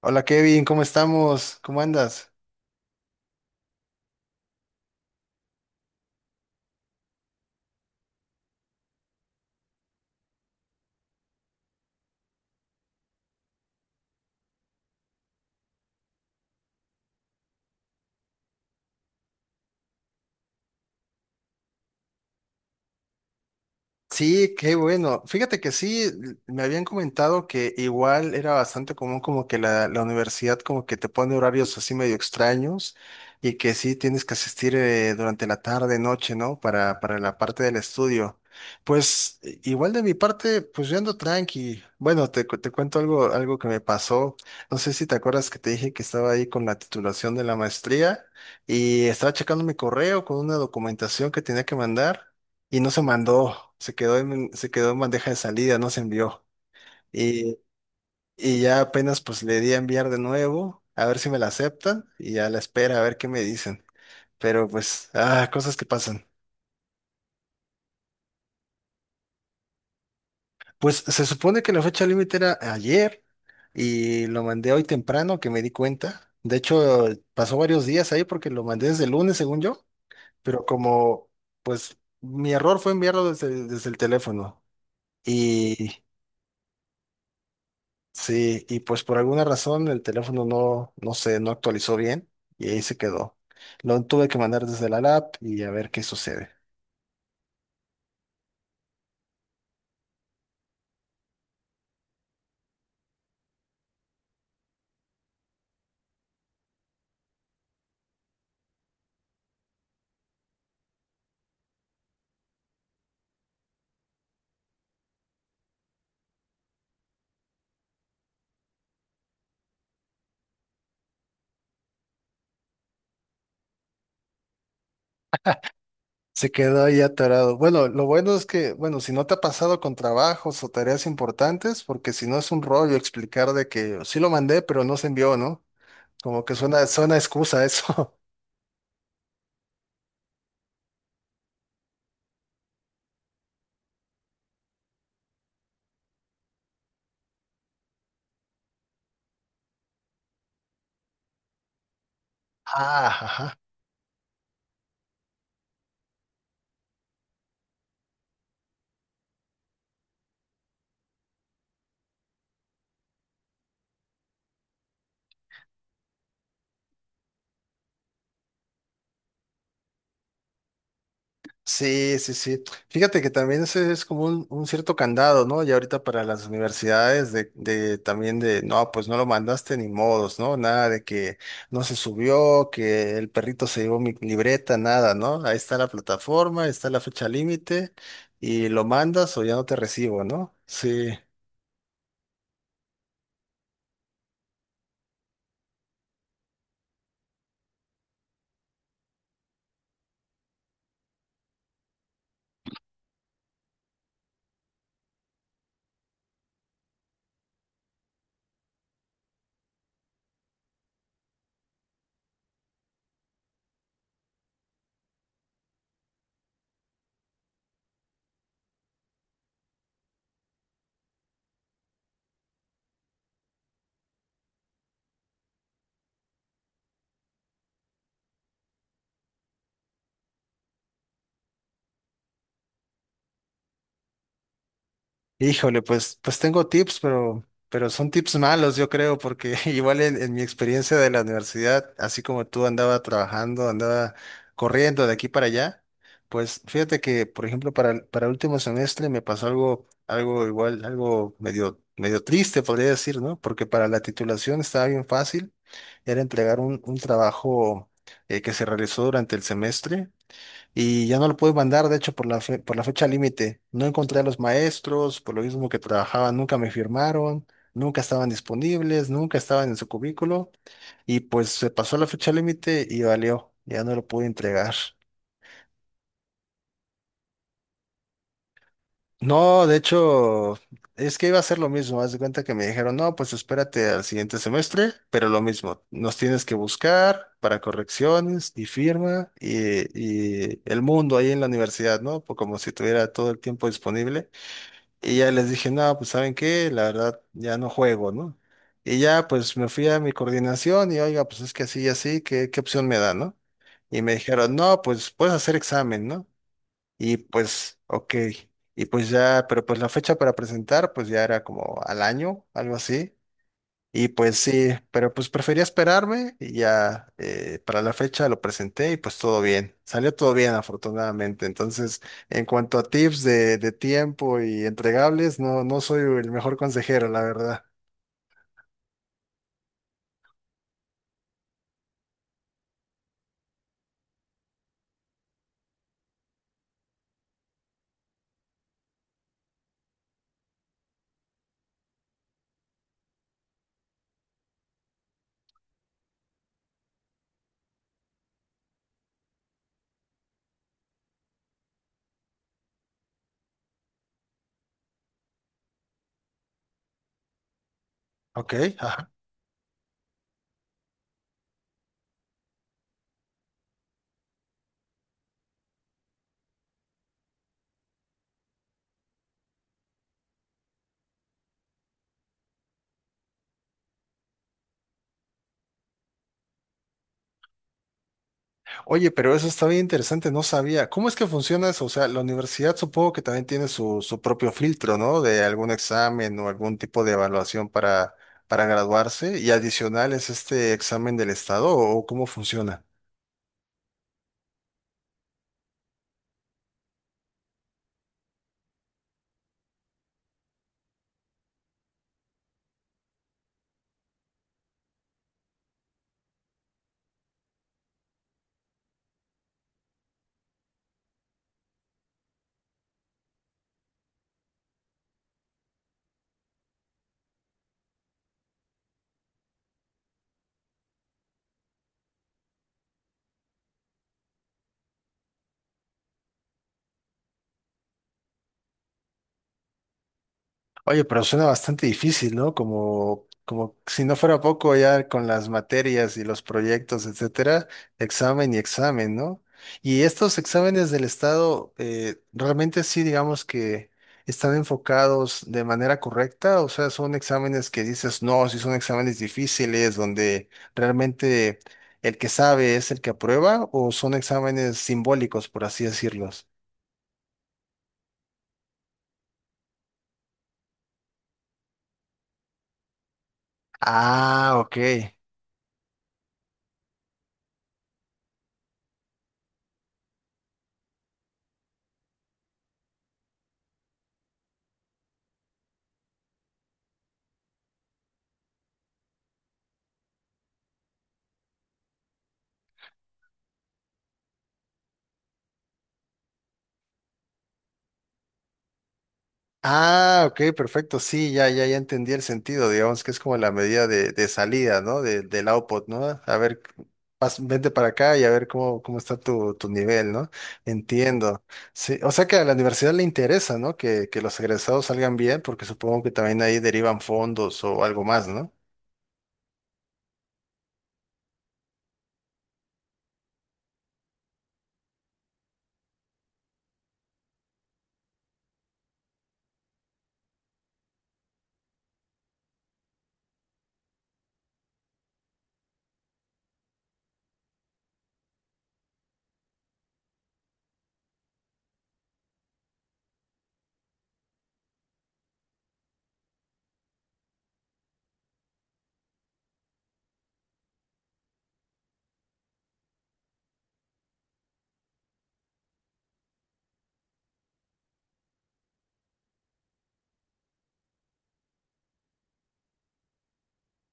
Hola Kevin, ¿cómo estamos? ¿Cómo andas? Sí, qué bueno. Fíjate que sí, me habían comentado que igual era bastante común como que la universidad como que te pone horarios así medio extraños y que sí tienes que asistir durante la tarde, noche, ¿no? Para la parte del estudio. Pues igual de mi parte, pues yo ando tranqui. Bueno, te cuento algo, algo que me pasó. No sé si te acuerdas que te dije que estaba ahí con la titulación de la maestría y estaba checando mi correo con una documentación que tenía que mandar y no se mandó, se quedó en bandeja de salida, no se envió. Y, y ya apenas pues le di a enviar de nuevo, a ver si me la aceptan y a la espera, a ver qué me dicen. Pero pues, ah, cosas que pasan. Pues se supone que la fecha límite era ayer y lo mandé hoy temprano que me di cuenta. De hecho, pasó varios días ahí porque lo mandé desde el lunes, según yo, pero como pues mi error fue enviarlo desde el teléfono. y Sí, y pues por alguna razón el teléfono no, no sé, no actualizó bien y ahí se quedó. Lo tuve que mandar desde la lab y a ver qué sucede. Se quedó ahí atorado. Bueno, lo bueno es que, bueno, si no te ha pasado con trabajos o tareas importantes, porque si no es un rollo explicar de que sí lo mandé, pero no se envió, ¿no? Como que suena excusa eso. Ah, ajá. Sí, sí, sí. Fíjate que también ese es como un cierto candado, ¿no? Y ahorita para las universidades no, pues no lo mandaste ni modos, ¿no? Nada de que no se subió, que el perrito se llevó mi libreta, nada, ¿no? Ahí está la plataforma, está la fecha límite y lo mandas o ya no te recibo, ¿no? Sí. Híjole, pues, pues tengo tips, pero son tips malos, yo creo, porque igual en mi experiencia de la universidad, así como tú andaba trabajando, andaba corriendo de aquí para allá, pues fíjate que, por ejemplo, para el último semestre me pasó algo, algo igual, algo medio triste, podría decir, ¿no? Porque para la titulación estaba bien fácil, era entregar un trabajo que se realizó durante el semestre y ya no lo pude mandar, de hecho, por la fecha límite. No encontré a los maestros, por lo mismo que trabajaban, nunca me firmaron, nunca estaban disponibles, nunca estaban en su cubículo, y pues se pasó la fecha límite y valió, ya no lo pude entregar. No, de hecho, es que iba a ser lo mismo. Haz de cuenta que me dijeron, no, pues espérate al siguiente semestre, pero lo mismo, nos tienes que buscar para correcciones y firma y el mundo ahí en la universidad, ¿no? Pues como si tuviera todo el tiempo disponible. Y ya les dije, no, pues ¿saben qué? La verdad, ya no juego, ¿no? Y ya pues me fui a mi coordinación y oiga, pues es que así y así, ¿qué, qué opción me da, no? Y me dijeron, no, pues puedes hacer examen, ¿no? Y pues, ok. Y pues ya, pero pues la fecha para presentar, pues ya era como al año, algo así. Y pues sí, pero pues prefería esperarme y ya para la fecha lo presenté y pues todo bien. Salió todo bien, afortunadamente. Entonces, en cuanto a tips de tiempo y entregables, no, no soy el mejor consejero, la verdad. Ok, ajá. Oye, pero eso está bien interesante, no sabía. ¿Cómo es que funciona eso? O sea, la universidad supongo que también tiene su propio filtro, ¿no? De algún examen o algún tipo de evaluación para graduarse y adicional es este examen del estado o cómo funciona. Oye, pero suena bastante difícil, ¿no? Como, como si no fuera poco ya con las materias y los proyectos, etcétera, examen y examen, ¿no? Y estos exámenes del Estado, realmente sí, digamos que están enfocados de manera correcta, o sea, son exámenes que dices, no, sí son exámenes difíciles, donde realmente el que sabe es el que aprueba, o son exámenes simbólicos, por así decirlos. Ah, ok. Ah, ok, perfecto. Sí, ya, ya, ya entendí el sentido. Digamos que es como la medida de salida, ¿no? Del output, ¿no? A ver, vente para acá y a ver cómo, cómo está tu nivel, ¿no? Entiendo. Sí, o sea que a la universidad le interesa, ¿no? Que los egresados salgan bien, porque supongo que también ahí derivan fondos o algo más, ¿no?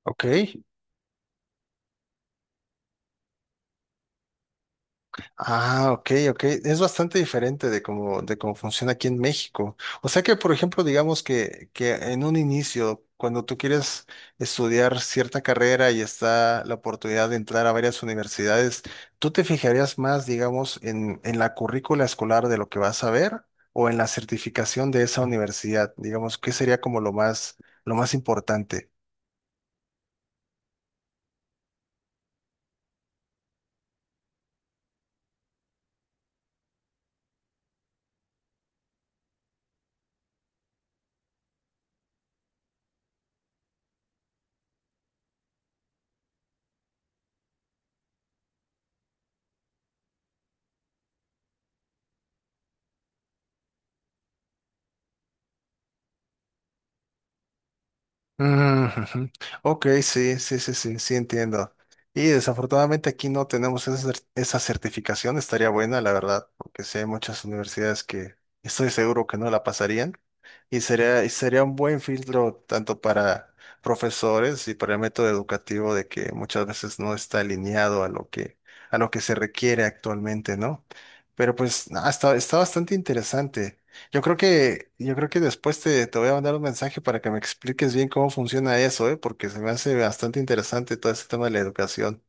Ok. Ah, ok, ok. Es bastante diferente de cómo funciona aquí en México. O sea que, por ejemplo, digamos que en un inicio, cuando tú quieres estudiar cierta carrera y está la oportunidad de entrar a varias universidades, ¿tú te fijarías más, digamos, en la currícula escolar de lo que vas a ver o en la certificación de esa universidad? Digamos, ¿qué sería como lo más importante? Mm, ujú. Ok, sí, sí, sí, sí, sí, entiendo. Y desafortunadamente aquí no tenemos esa, esa certificación, estaría buena, la verdad, porque sí hay muchas universidades que estoy seguro que no la pasarían. Y sería un buen filtro tanto para profesores y para el método educativo de que muchas veces no está alineado a lo que se requiere actualmente, ¿no? Pero pues no, está, está bastante interesante. Yo creo que después te voy a mandar un mensaje para que me expliques bien cómo funciona eso, ¿eh? Porque se me hace bastante interesante todo ese tema de la educación.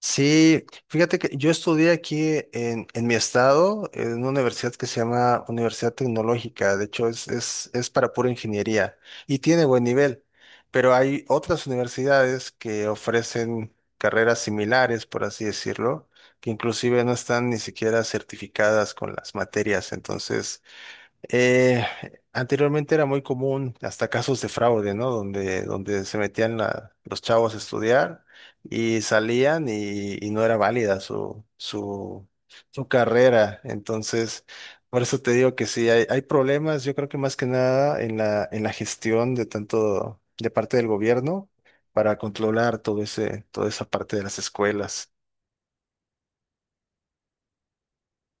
Sí, fíjate que yo estudié aquí en mi estado, en una universidad que se llama Universidad Tecnológica. De hecho, es para pura ingeniería y tiene buen nivel. Pero hay otras universidades que ofrecen carreras similares, por así decirlo, que inclusive no están ni siquiera certificadas con las materias. Entonces, Eh, anteriormente era muy común hasta casos de fraude, ¿no? Donde se metían los chavos a estudiar y salían y no era válida su carrera. Entonces, por eso te digo que sí, hay problemas, yo creo que más que nada en la, en la gestión de tanto de parte del gobierno para controlar todo ese, toda esa parte de las escuelas.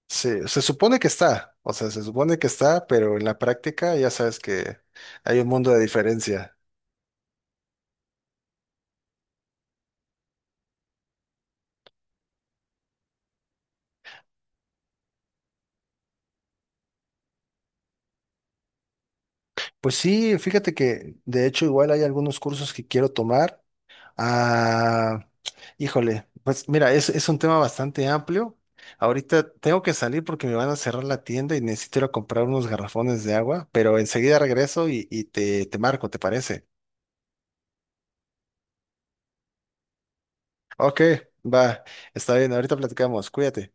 Se supone que está, o sea, se supone que está, pero en la práctica ya sabes que hay un mundo de diferencia. Pues sí, fíjate que de hecho igual hay algunos cursos que quiero tomar. Ah, híjole, pues mira, es un tema bastante amplio. Ahorita tengo que salir porque me van a cerrar la tienda y necesito ir a comprar unos garrafones de agua, pero enseguida regreso y te marco, ¿te parece? Ok, va, está bien, ahorita platicamos, cuídate.